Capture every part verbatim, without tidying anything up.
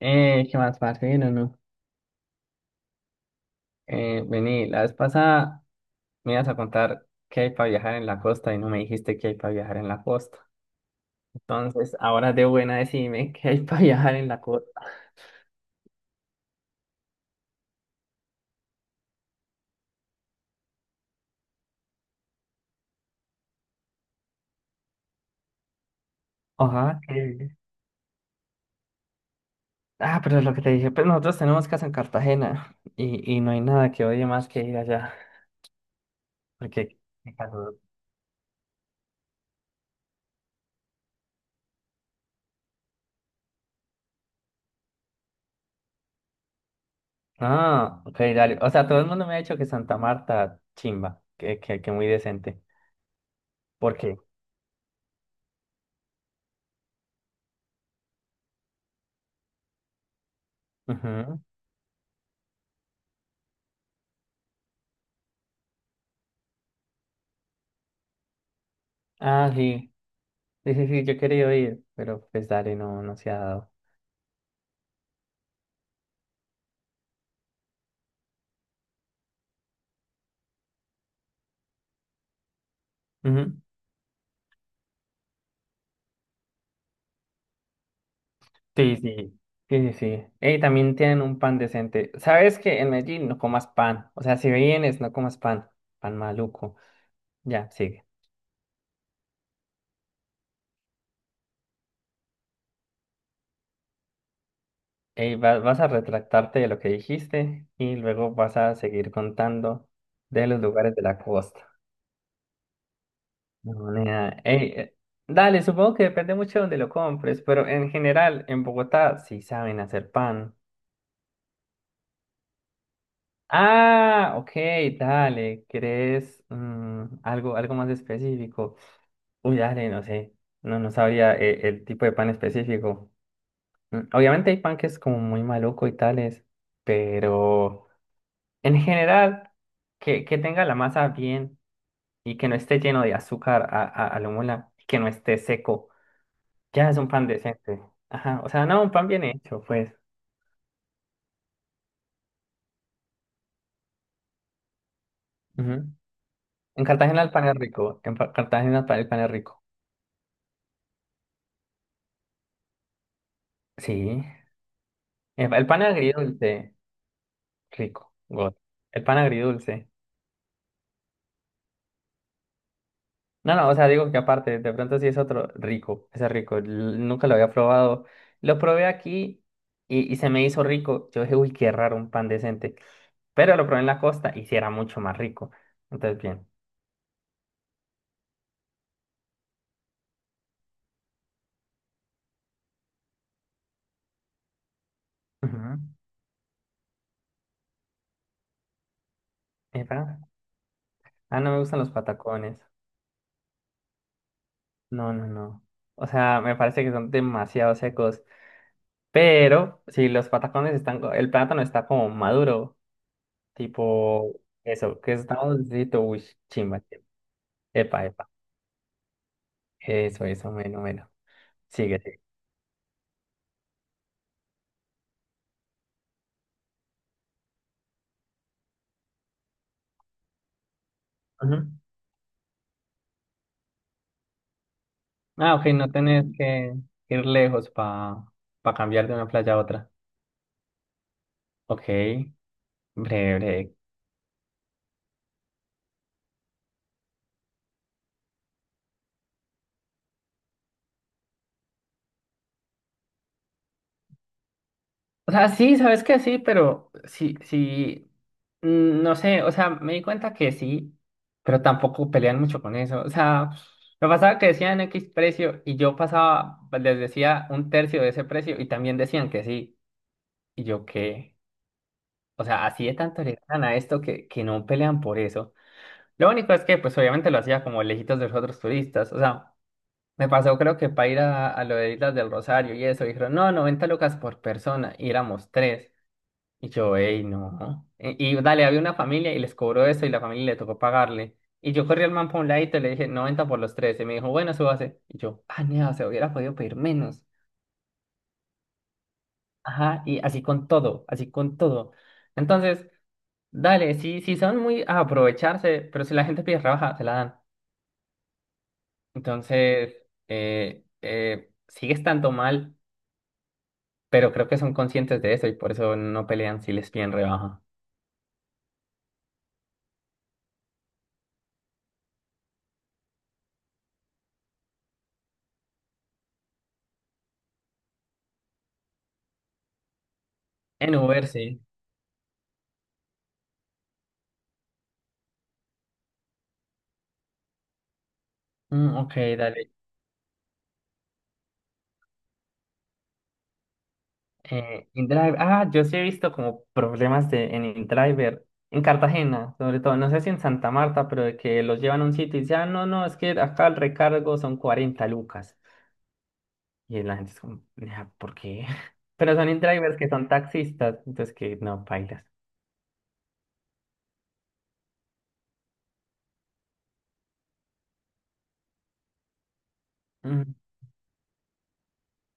Eh, ¿qué más, parce? ¿Bien o no? Eh, vení, la vez pasada me ibas a contar qué hay para viajar en la costa y no me dijiste qué hay para viajar en la costa. Entonces, ahora de buena decime qué hay para viajar en la costa. Ajá, que... Ah, pero lo que te dije, pues nosotros tenemos casa en Cartagena y, y no hay nada que odie más que ir allá, porque... Qué calor. Ah, ok, dale. O sea, todo el mundo me ha dicho que Santa Marta, chimba, que, que, que muy decente. ¿Por qué? Ujú. Ah, sí. Sí, sí, sí, yo quería ir, pero pues dale, no, no se ha dado. Ujú. Sí, sí, sí, sí, sí. Y también tienen un pan decente. ¿Sabes que en Medellín no comas pan? O sea, si vienes, no comas pan. Pan maluco. Ya, sigue. Ey, va- vas a retractarte de lo que dijiste y luego vas a seguir contando de los lugares de la costa. No, nena. Ey, eh, dale, supongo que depende mucho de donde lo compres, pero en general, en Bogotá sí saben hacer pan. Ah, ok, dale. ¿Querés mm, algo, algo más específico? Uy, dale, no sé. No, no sabría eh, el tipo de pan específico. Mm, Obviamente hay pan que es como muy maluco y tales, pero en general, que, que tenga la masa bien y que no esté lleno de azúcar a, a, a lo mola, que no esté seco, ya es un pan decente. Ajá, o sea, no, un pan bien hecho, pues. Ujú. En Cartagena el pan es rico, en Pa- Cartagena el pan el pan es rico. Sí. El el pan agridulce, rico, God. El pan agridulce. No, no, o sea, digo que aparte, de pronto sí es otro rico, ese es rico. l- Nunca lo había probado. Lo probé aquí y, y se me hizo rico. Yo dije, uy, qué raro un pan decente. Pero lo probé en la costa y sí era mucho más rico. Entonces, bien. Ujú. Epa. Ah, no me gustan los patacones. No, no, no. O sea, me parece que son demasiado secos. Pero si los patacones están, co- el plátano está como maduro. Tipo, eso, que estamos diciendo, uy, chimba, chimba. Epa, epa. Eso, eso, bueno, bueno. Sigue, sigue. Ujú. Ah, ok, no tenés que ir lejos para cambiar de una playa a otra. Ok, breve, breve. O sea, sí, sabes que sí, pero sí, sí, mm, no sé, o sea, me di cuenta que sí, pero tampoco pelean mucho con eso. O sea, me pasaba que decían X precio y yo pasaba, les decía un tercio de ese precio y también decían que sí. Y yo, ¿qué? O sea, así de tanto le ganan a esto que, que no pelean por eso. Lo único es que, pues obviamente lo hacía como lejitos de los otros turistas. O sea, me pasó creo que para ir a, a lo de Islas del Rosario y eso, dijeron, no, noventa lucas por persona, y éramos tres. Y yo, ey, no. Y, y dale, había una familia y les cobró eso y la familia le tocó pagarle. Y yo corrí al man por un ladito y le dije, noventa por los tres. Y me dijo, bueno, súbase. Y yo, ah, no, se hubiera podido pedir menos. Ajá, y así con todo, así con todo. Entonces... Dale, sí, sí son muy a aprovecharse, pero si la gente pide rebaja, se la dan. Entonces, eh, eh, sigue estando mal, pero creo que son conscientes de eso y por eso no pelean si les piden rebaja. En Uber, sí. Mm, ok, dale. Eh, InDrive, ah, yo sí he visto como problemas de, en InDriver, en Cartagena, sobre todo, no sé si en Santa Marta, pero de que los llevan a un sitio y dicen, ah, no, no, es que acá el recargo son cuarenta lucas. Y la gente es como, "Nah, ¿por qué? Pero son in-drivers que son taxistas, entonces que no, bailas.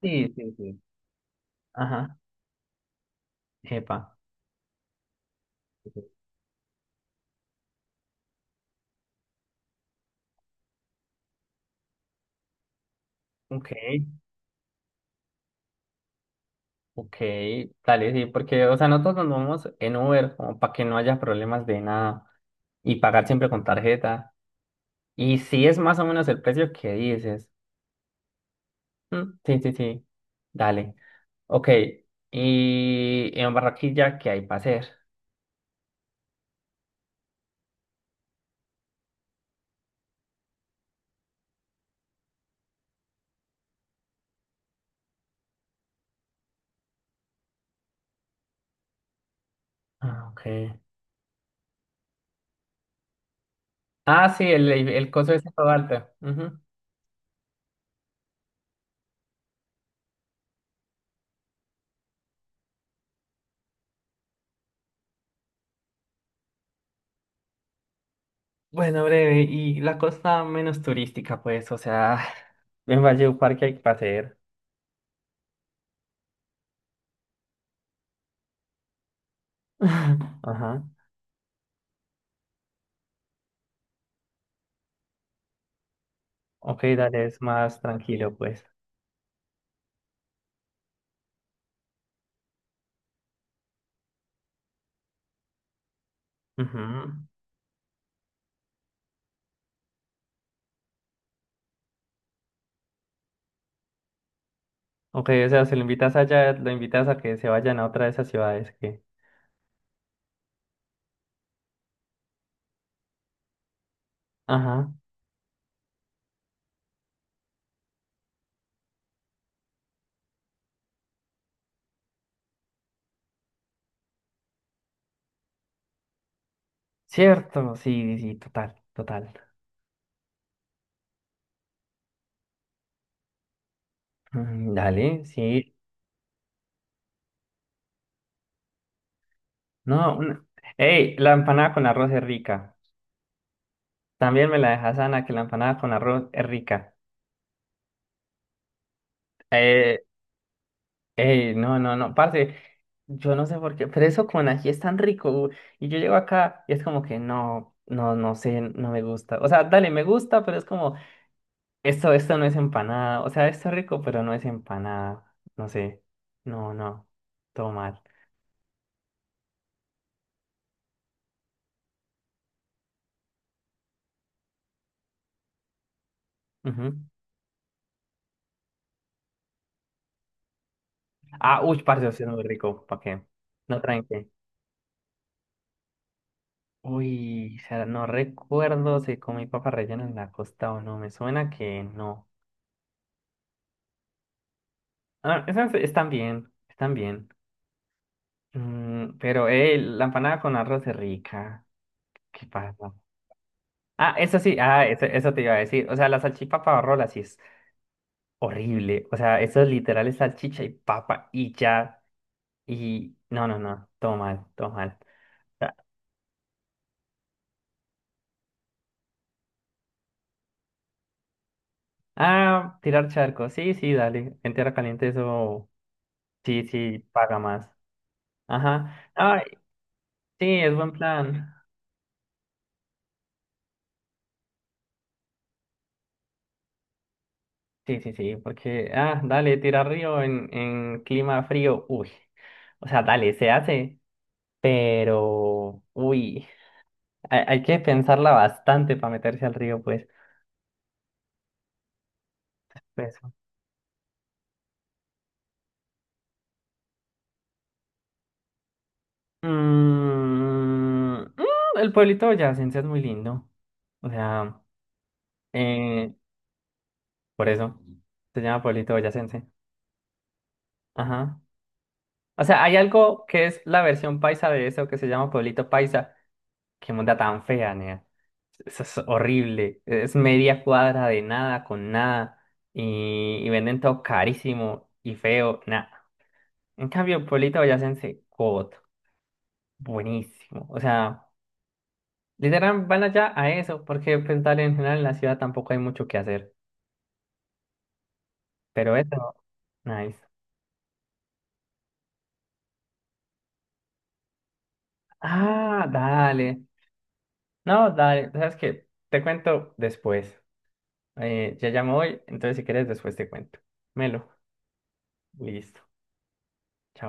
Sí, sí, sí. Ajá. Epa. Ok, ok. Dale, sí, porque, o sea, nosotros nos vamos en Uber como para que no haya problemas de nada y pagar siempre con tarjeta. Y si es más o menos el precio que dices. Mm, sí, sí, sí. Dale. Ok. Y en Barranquilla, ¿qué hay para hacer? Ah, ok. Ah, sí, el, el coso es todo alto. Ujú. Bueno, breve, y la costa menos turística, pues, o sea, en Valledupar, ¿qué hay que hacer? Ajá. Ok, dale, es más tranquilo, pues. Ujú. Ok, o sea, si lo invitas allá, lo invitas a que se vayan a otra de esas ciudades que... Ajá. Cierto, sí, sí, total, total. Mm, Dale, sí. No, una... Ey, la empanada con arroz es rica. También me la dejas, Ana, que la empanada con arroz es rica. Eh, Ey, no, no, no, parce, yo no sé por qué, pero eso con ají es tan rico, u- y yo llego acá y es como que no, no, no sé, no me gusta, o sea, dale, me gusta, pero es como, esto, esto no es empanada, o sea, esto es rico, pero no es empanada, no sé, no, no, todo mal, Ujú. Ah, uy, parce, eso sí es muy rico, ¿para qué? No traen qué, uy, o sea, no recuerdo si comí papas rellenas en la costa o no, me suena que no, ah, esas están bien, están bien. Mm, pero, eh, la empanada con arroz es rica. ¿Qué pasa? Ah, eso sí, ah, eso, eso te iba a decir. O sea, la salchipapa o rola sí es horrible. O sea, eso es literal es salchicha y papa y ya. Y no, no, no, todo mal, todo mal. Ah, ah, tirar charco. Sí, sí, dale. En tierra caliente eso sí, sí, paga más. Ajá. Ah, sí, es buen plan. Sí, sí, sí, porque, ah, dale, tirar río en, en clima frío. Uy. O sea, dale, se hace. Pero, uy, hay, hay que pensarla bastante para meterse al río, pues. Eso. Mm, mm, el pueblito de boyacense es muy lindo. O sea, eh, por eso se llama pueblito boyacense. Ajá. O sea, hay algo que es la versión paisa de eso que se llama pueblito paisa. Qué monda tan fea, nea. Eso es horrible. Es media cuadra de nada con nada. Y, y venden todo carísimo y feo. Nah. En cambio, Pueblito Boyacense, God, buenísimo. O sea, literal van allá a eso, porque pues dale, en general en la ciudad tampoco hay mucho que hacer. Pero eso, nice. Ah, dale. No, dale. ¿Sabes qué? Te cuento después. Eh, ya llamo hoy, entonces si quieres después te cuento. Melo, listo. Chao.